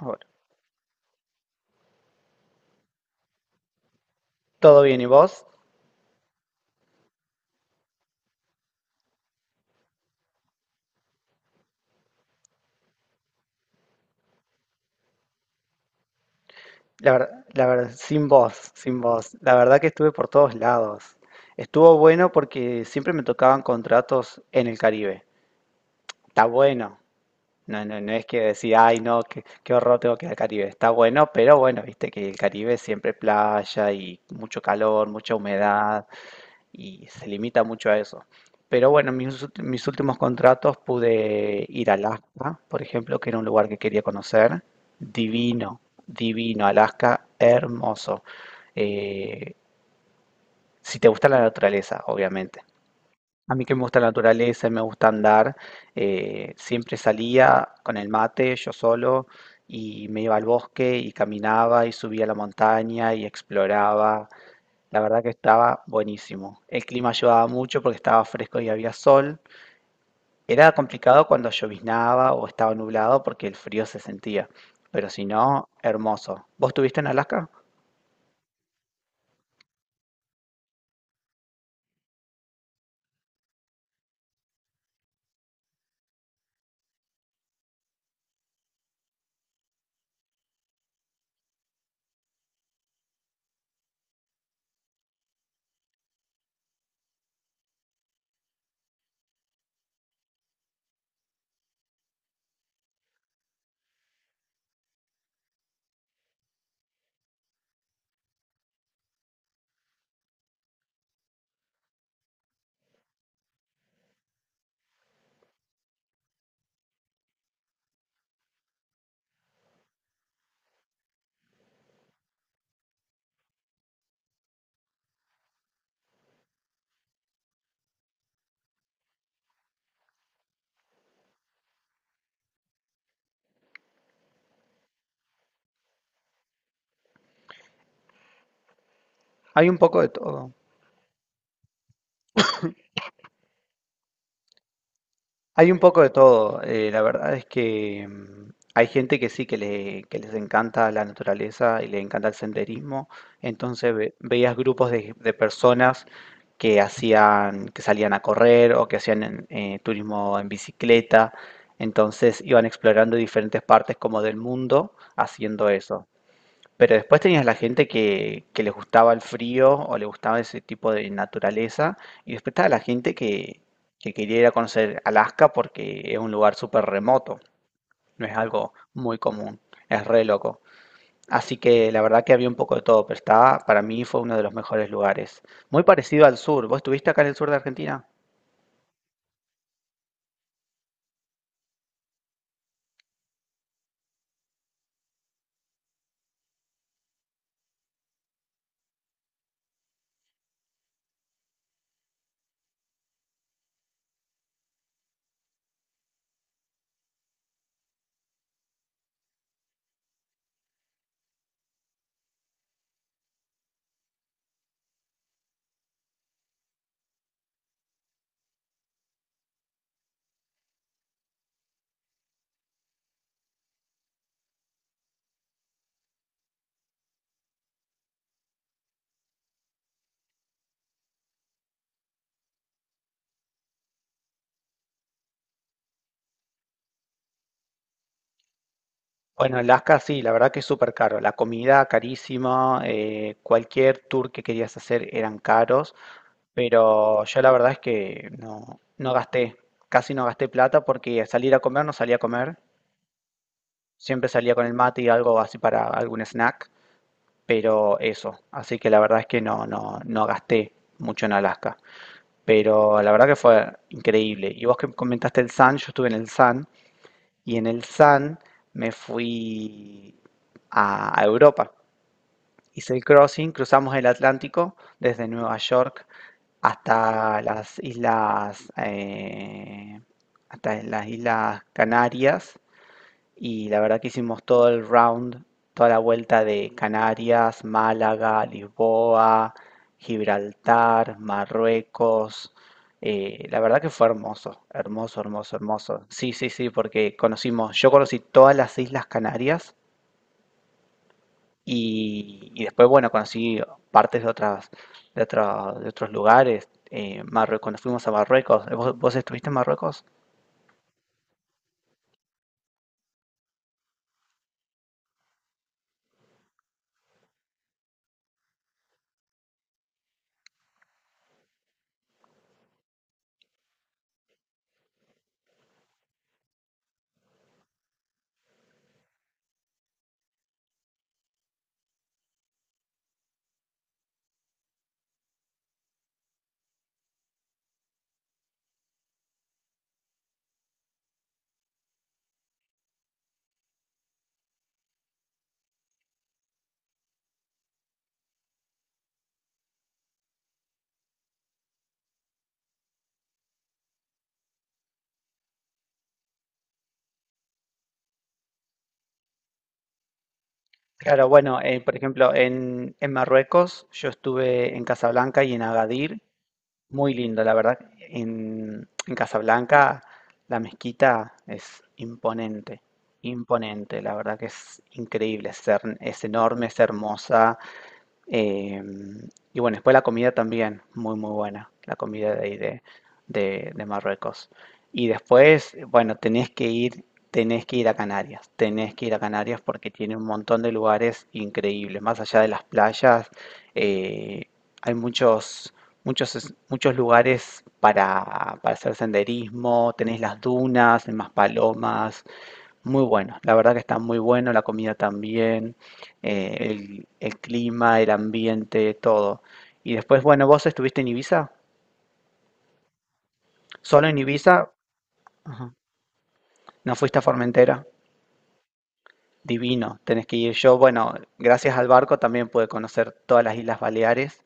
Bueno, todo bien, ¿y vos? La verdad, sin vos, sin vos. La verdad que estuve por todos lados. Estuvo bueno porque siempre me tocaban contratos en el Caribe. Está bueno. No, no, no es que decir ay, no, qué, qué horror, tengo que ir al Caribe. Está bueno, pero bueno, viste que el Caribe siempre playa y mucho calor, mucha humedad. Y se limita mucho a eso. Pero bueno, mis últimos contratos pude ir a Alaska, por ejemplo, que era un lugar que quería conocer. Divino, divino, Alaska, hermoso. Eh, si te gusta la naturaleza, obviamente. A mí que me gusta la naturaleza y me gusta andar, siempre salía con el mate, yo solo, y me iba al bosque y caminaba y subía a la montaña y exploraba. La verdad que estaba buenísimo. El clima ayudaba mucho porque estaba fresco y había sol. Era complicado cuando lloviznaba o estaba nublado porque el frío se sentía, pero si no, hermoso. ¿Vos estuviste en Alaska? Hay un poco de todo. Hay un poco de todo. La verdad es que hay gente que sí, que le, que les encanta la naturaleza y le encanta el senderismo. Entonces veías grupos de personas que hacían, que salían a correr o que hacían turismo en bicicleta. Entonces iban explorando diferentes partes como del mundo haciendo eso. Pero después tenías la gente que les gustaba el frío o le gustaba ese tipo de naturaleza. Y después estaba la gente que quería ir a conocer Alaska porque es un lugar súper remoto. No es algo muy común. Es re loco. Así que la verdad que había un poco de todo, pero estaba, para mí fue uno de los mejores lugares. Muy parecido al sur. ¿Vos estuviste acá en el sur de Argentina? Bueno, Alaska sí, la verdad que es súper caro. La comida carísima, cualquier tour que querías hacer eran caros. Pero yo la verdad es que no, no gasté, casi no gasté plata porque salir a comer no salía a comer. Siempre salía con el mate y algo así para algún snack, pero eso. Así que la verdad es que no, no, no gasté mucho en Alaska. Pero la verdad que fue increíble. Y vos que comentaste el Sun, yo estuve en el Sun y en el Sun me fui a Europa. Hice el crossing, cruzamos el Atlántico desde Nueva York hasta las islas, eh, hasta las islas Canarias, y la verdad que hicimos todo el round, toda la vuelta de Canarias, Málaga, Lisboa, Gibraltar, Marruecos. La verdad que fue hermoso, hermoso, hermoso, hermoso. Sí, sí, sí, porque conocimos, yo conocí todas las islas Canarias y después, bueno, conocí partes de otras, de otros lugares. Marruecos, cuando fuimos a Marruecos, ¿vos estuviste en Marruecos? Claro, bueno, por ejemplo, en Marruecos yo estuve en Casablanca y en Agadir, muy lindo, la verdad. En Casablanca la mezquita es imponente, imponente, la verdad que es increíble, es, es enorme, es hermosa. Eh, y bueno, después la comida también, muy muy buena, la comida de ahí de, de Marruecos. Y después, bueno, tenés que ir a Canarias, tenés que ir a Canarias porque tiene un montón de lugares increíbles. Más allá de las playas, eh, hay muchos, muchos, muchos lugares para hacer senderismo, tenés las dunas, en Maspalomas, muy bueno, la verdad que está muy bueno, la comida también, el clima, el ambiente, todo. Y después, bueno, vos estuviste en Ibiza, solo en Ibiza. Ajá. No fuiste a Formentera, divino, tenés que ir. Yo, bueno, gracias al barco también pude conocer todas las Islas Baleares,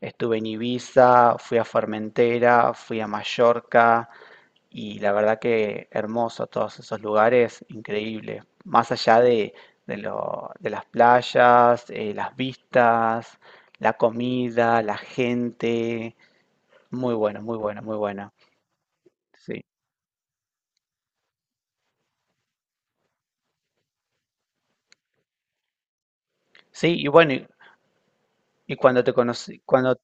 estuve en Ibiza, fui a Formentera, fui a Mallorca. Y la verdad que hermoso todos esos lugares, increíble. Más allá de, de las playas, las vistas, la comida, la gente. Muy bueno, muy bueno, muy bueno. Sí. Sí, y bueno, y cuando te conocí, cuando...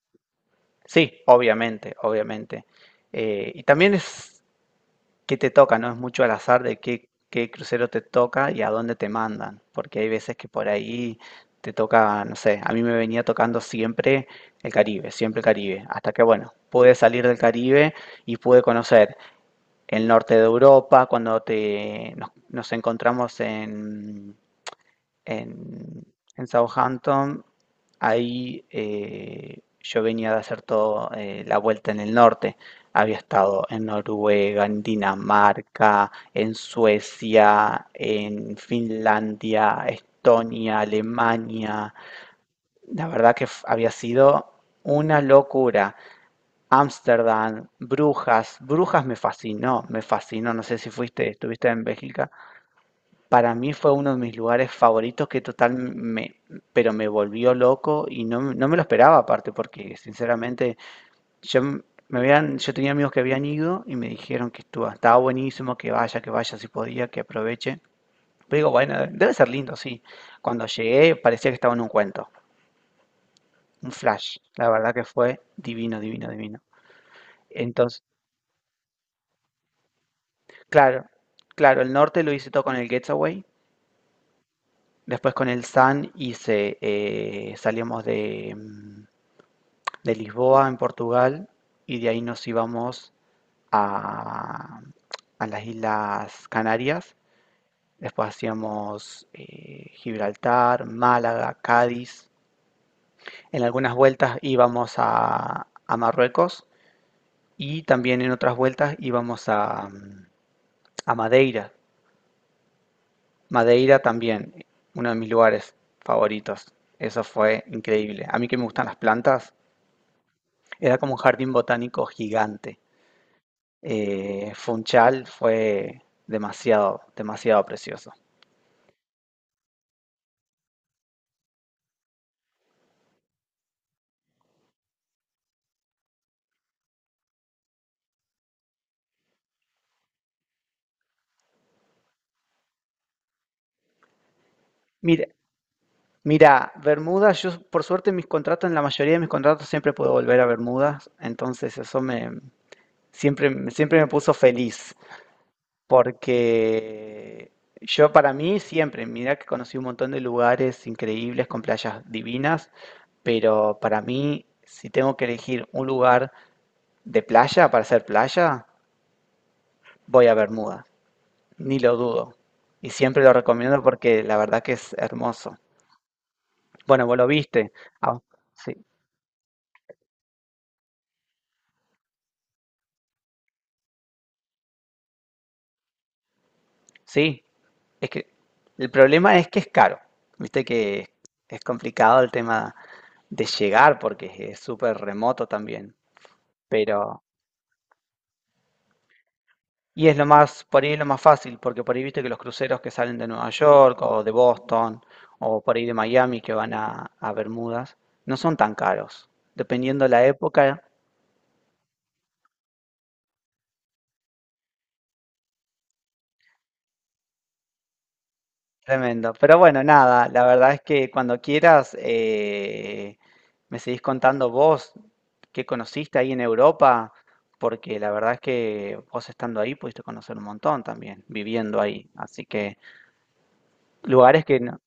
Sí, obviamente, obviamente. Y también es qué te toca, no es mucho al azar de qué, qué crucero te toca y a dónde te mandan, porque hay veces que por ahí te toca, no sé, a mí me venía tocando siempre el Caribe, hasta que bueno, pude salir del Caribe y pude conocer el norte de Europa, cuando nos encontramos en, en Southampton, ahí yo venía de hacer toda la vuelta en el norte. Había estado en Noruega, en Dinamarca, en Suecia, en Finlandia, Estonia, Alemania. La verdad que había sido una locura. Ámsterdam, Brujas. Brujas me fascinó, me fascinó. No sé si fuiste, estuviste en Bélgica. Para mí fue uno de mis lugares favoritos que total me, pero me volvió loco y no, no me lo esperaba aparte porque sinceramente yo m- me habían, yo tenía amigos que habían ido y me dijeron que estuvo, estaba buenísimo, que vaya si podía, que aproveche. Pero digo, bueno, debe ser lindo, sí. Cuando llegué parecía que estaba en un cuento, un flash. La verdad que fue divino, divino, divino. Entonces, claro, claro, el norte lo hice todo con el Getaway. Después con el Sun hice, salíamos de, de Lisboa en Portugal y de ahí nos íbamos a, a las Islas Canarias. Después hacíamos Gibraltar, Málaga, Cádiz. En algunas vueltas íbamos a Marruecos y también en otras vueltas íbamos a Madeira. Madeira también, uno de mis lugares favoritos. Eso fue increíble. A mí que me gustan las plantas, era como un jardín botánico gigante. Funchal fue demasiado, demasiado precioso. Mira, mira, Bermuda, yo por suerte mis contratos, en la mayoría de mis contratos siempre puedo volver a Bermudas, entonces eso me siempre, siempre me puso feliz, porque yo para mí siempre, mira que conocí un montón de lugares increíbles con playas divinas, pero para mí, si tengo que elegir un lugar de playa para hacer playa, voy a Bermudas. Ni lo dudo. Y siempre lo recomiendo porque la verdad que es hermoso. Bueno, vos lo viste. Ah, sí, sí. Es que el problema es que es caro. Viste que es complicado el tema de llegar porque es súper remoto también. Pero, y es lo más, por ahí es lo más fácil, porque por ahí viste que los cruceros que salen de Nueva York o de Boston o por ahí de Miami que van a Bermudas no son tan caros. Dependiendo la época, tremendo. Pero bueno, nada, la verdad es que cuando quieras, me seguís contando vos qué conociste ahí en Europa, porque la verdad es que vos estando ahí pudiste conocer un montón también, viviendo ahí. Así que lugares que... no.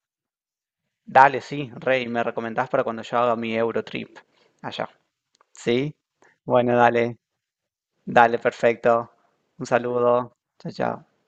Dale, sí, Rey, me recomendás para cuando yo haga mi Eurotrip allá. ¿Sí? Bueno, dale, dale, perfecto. Un saludo. Chao, chao.